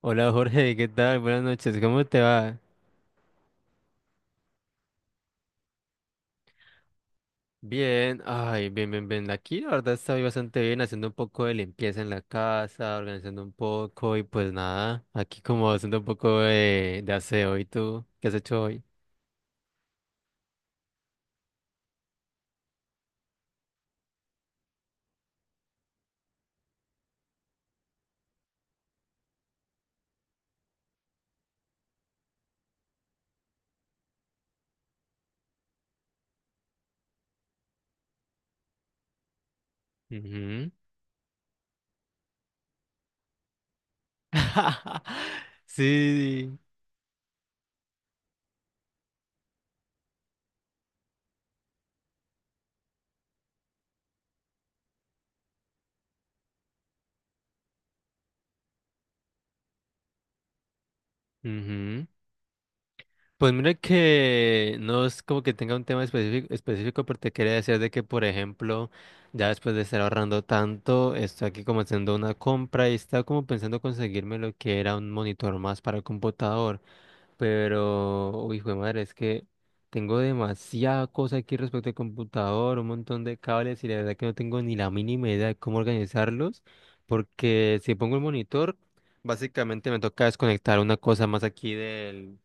Hola Jorge, ¿qué tal? Buenas noches, ¿cómo te va? Bien, ay, bien. Aquí la verdad estoy bastante bien, haciendo un poco de limpieza en la casa, organizando un poco y pues nada, aquí como haciendo un poco de aseo. ¿Y tú? ¿Qué has hecho hoy? Ujú. Sí. Ujú. Pues mira que no es como que tenga un tema específico, pero te quería decir de que, por ejemplo, ya después de estar ahorrando tanto, estoy aquí como haciendo una compra y estaba como pensando conseguirme lo que era un monitor más para el computador. Pero, uy, hijo de madre, es que tengo demasiada cosa aquí respecto al computador, un montón de cables y la verdad que no tengo ni la mínima idea de cómo organizarlos, porque si pongo el monitor, básicamente me toca desconectar una cosa más aquí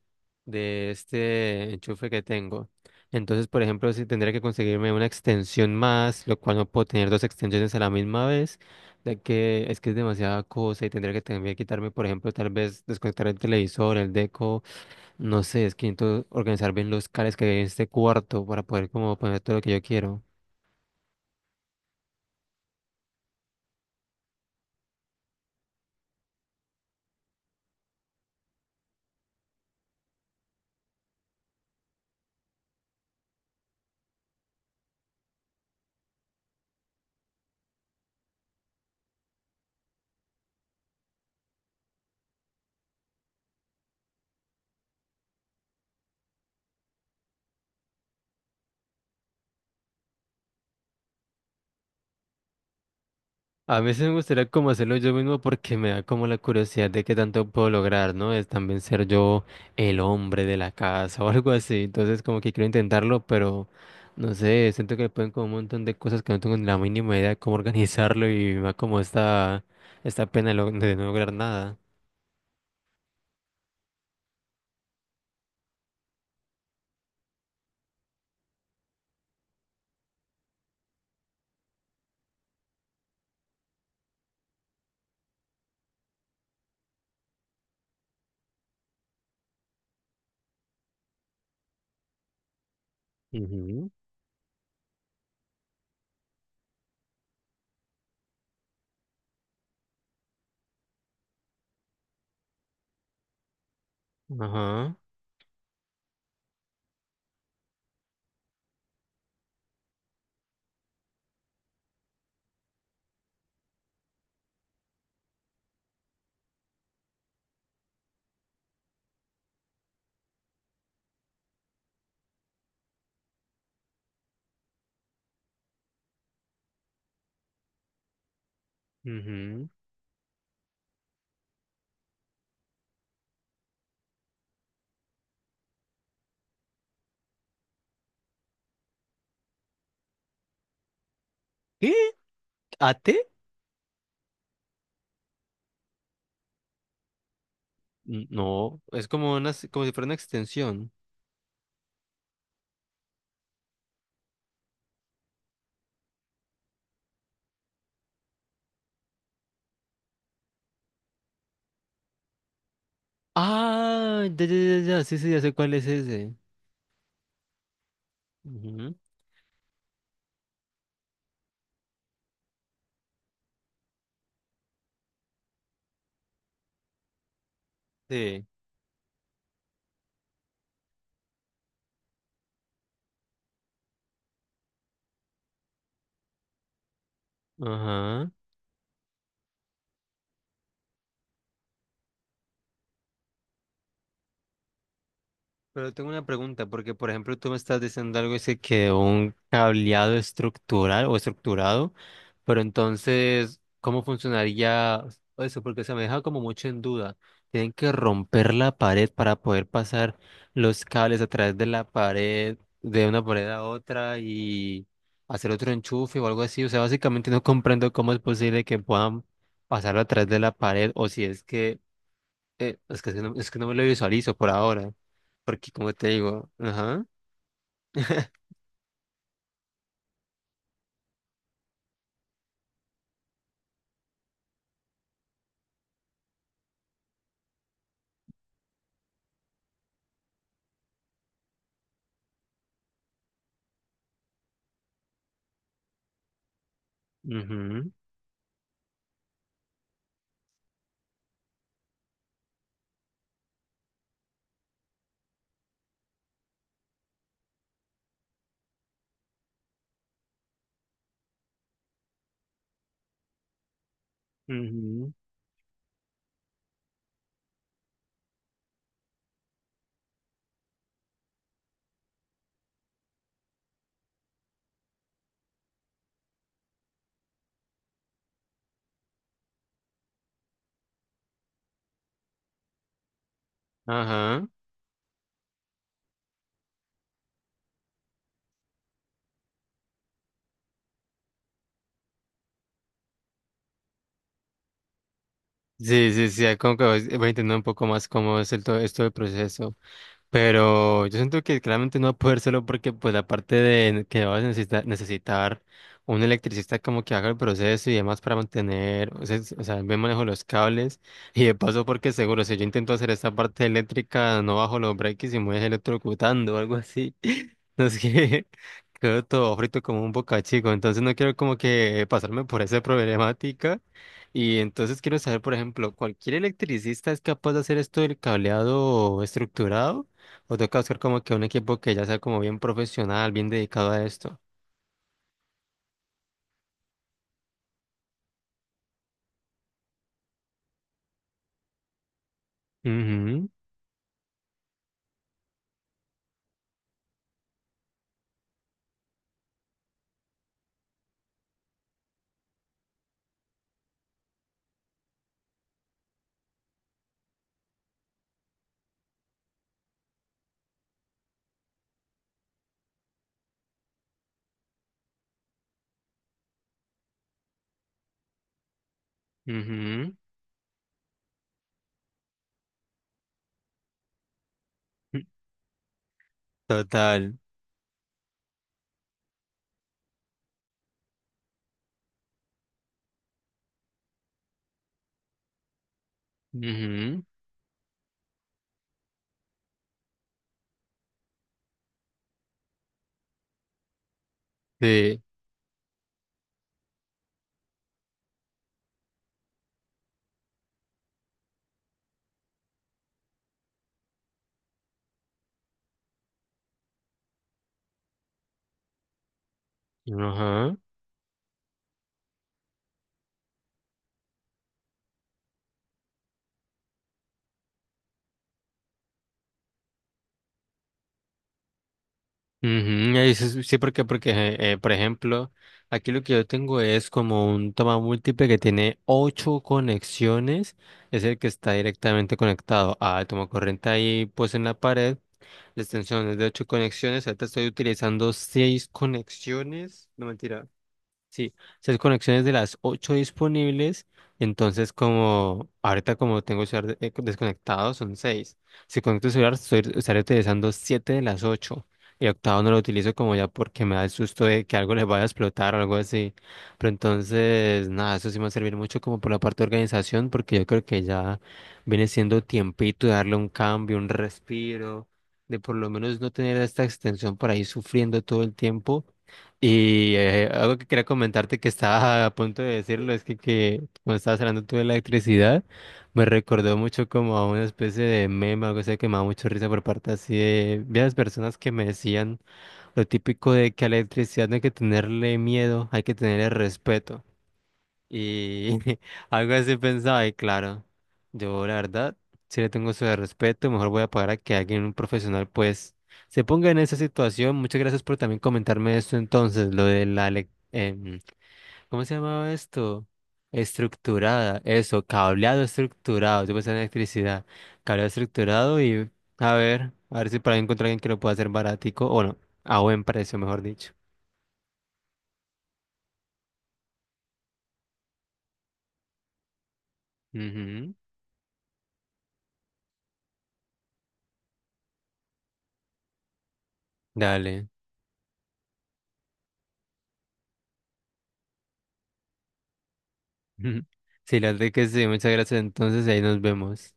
de este enchufe que tengo. Entonces, por ejemplo, si tendría que conseguirme una extensión más, lo cual no puedo tener dos extensiones a la misma vez, ya que es demasiada cosa y tendría que también quitarme, por ejemplo, tal vez desconectar el televisor, el deco, no sé, es que necesito organizar bien los cables que hay en este cuarto para poder como poner todo lo que yo quiero. A veces me gustaría como hacerlo yo mismo porque me da como la curiosidad de qué tanto puedo lograr, ¿no? Es también ser yo el hombre de la casa o algo así. Entonces como que quiero intentarlo, pero no sé, siento que pueden como un montón de cosas que no tengo ni la mínima idea de cómo organizarlo y me da como esta pena de no lograr nada. Ujú. Ajá. Ujú. ¿Qué? ¿Ate? No, es como una, como si fuera una extensión. Ah, ya, ya, ya, ya, sí, sí, ya sé cuál es ese. Ujú. Sí. Ajá. Pero tengo una pregunta, porque por ejemplo tú me estás diciendo algo, dice que un cableado estructural o estructurado, pero entonces, ¿cómo funcionaría eso? Porque se me deja como mucho en duda. Tienen que romper la pared para poder pasar los cables a través de la pared, de una pared a otra y hacer otro enchufe o algo así. O sea, básicamente no comprendo cómo es posible que puedan pasarlo a través de la pared o si es que es que, si no, es que no me lo visualizo por ahora, porque como te digo, ajá, ujú, ujú, ajá, sí, sí, sí, como que voy entendiendo un poco más cómo es el, todo esto del proceso. Pero yo siento que claramente no va a poder solo porque, pues, aparte de que vas a necesitar un electricista como que haga el proceso y demás para mantener, o sea, el buen manejo de los cables. Y de paso, porque seguro, si yo intento hacer esta parte eléctrica, no bajo los breaks y me voy electrocutando o algo así. No sé, quedo todo frito como un bocachico. Entonces, no quiero como que pasarme por esa problemática. Y entonces quiero saber, por ejemplo, ¿cualquier electricista es capaz de hacer esto del cableado estructurado? O toca buscar como que un equipo que ya sea como bien profesional, bien dedicado a esto. Ujú. Ujú. Mm. Total. Ujú. Sí. Ajá. Ujú, ahí sí, sí, porque, porque por ejemplo, aquí lo que yo tengo es como un toma múltiple que tiene ocho conexiones. Es el que está directamente conectado al toma corriente ahí pues en la pared. La extensión es de ocho conexiones. Ahorita estoy utilizando seis conexiones. No mentira. Sí, esas conexiones de las ocho disponibles, entonces como ahorita como tengo el celular desconectado son seis. Si conecto el celular estoy, estaré utilizando siete de las ocho. Y octavo no lo utilizo como ya porque me da el susto de que algo les vaya a explotar o algo así. Pero entonces, nada, eso sí me va a servir mucho como por la parte de organización porque yo creo que ya viene siendo tiempito de darle un cambio, un respiro, de por lo menos no tener esta extensión por ahí sufriendo todo el tiempo y algo que quería comentarte que estaba a punto de decirlo es que cuando estabas hablando tú de la electricidad, me recordó mucho como a una especie de meme, algo así que me daba mucho risa por parte así de varias personas que me decían lo típico de que a la electricidad no hay que tenerle miedo, hay que tenerle respeto. Y algo así pensaba, y claro, yo la verdad, si le tengo su respeto, mejor voy a pagar a que alguien, un profesional, pues, se ponga en esa situación. Muchas gracias por también comentarme esto entonces, lo de ¿cómo se llamaba esto? Estructurada, eso, cableado estructurado, yo pensaba en electricidad, cableado estructurado y a ver si para encontrar alguien que lo pueda hacer baratico, o no, a buen precio, mejor dicho. Ujú. Dale. Sí, la verdad que sí, muchas gracias. Entonces ahí nos vemos.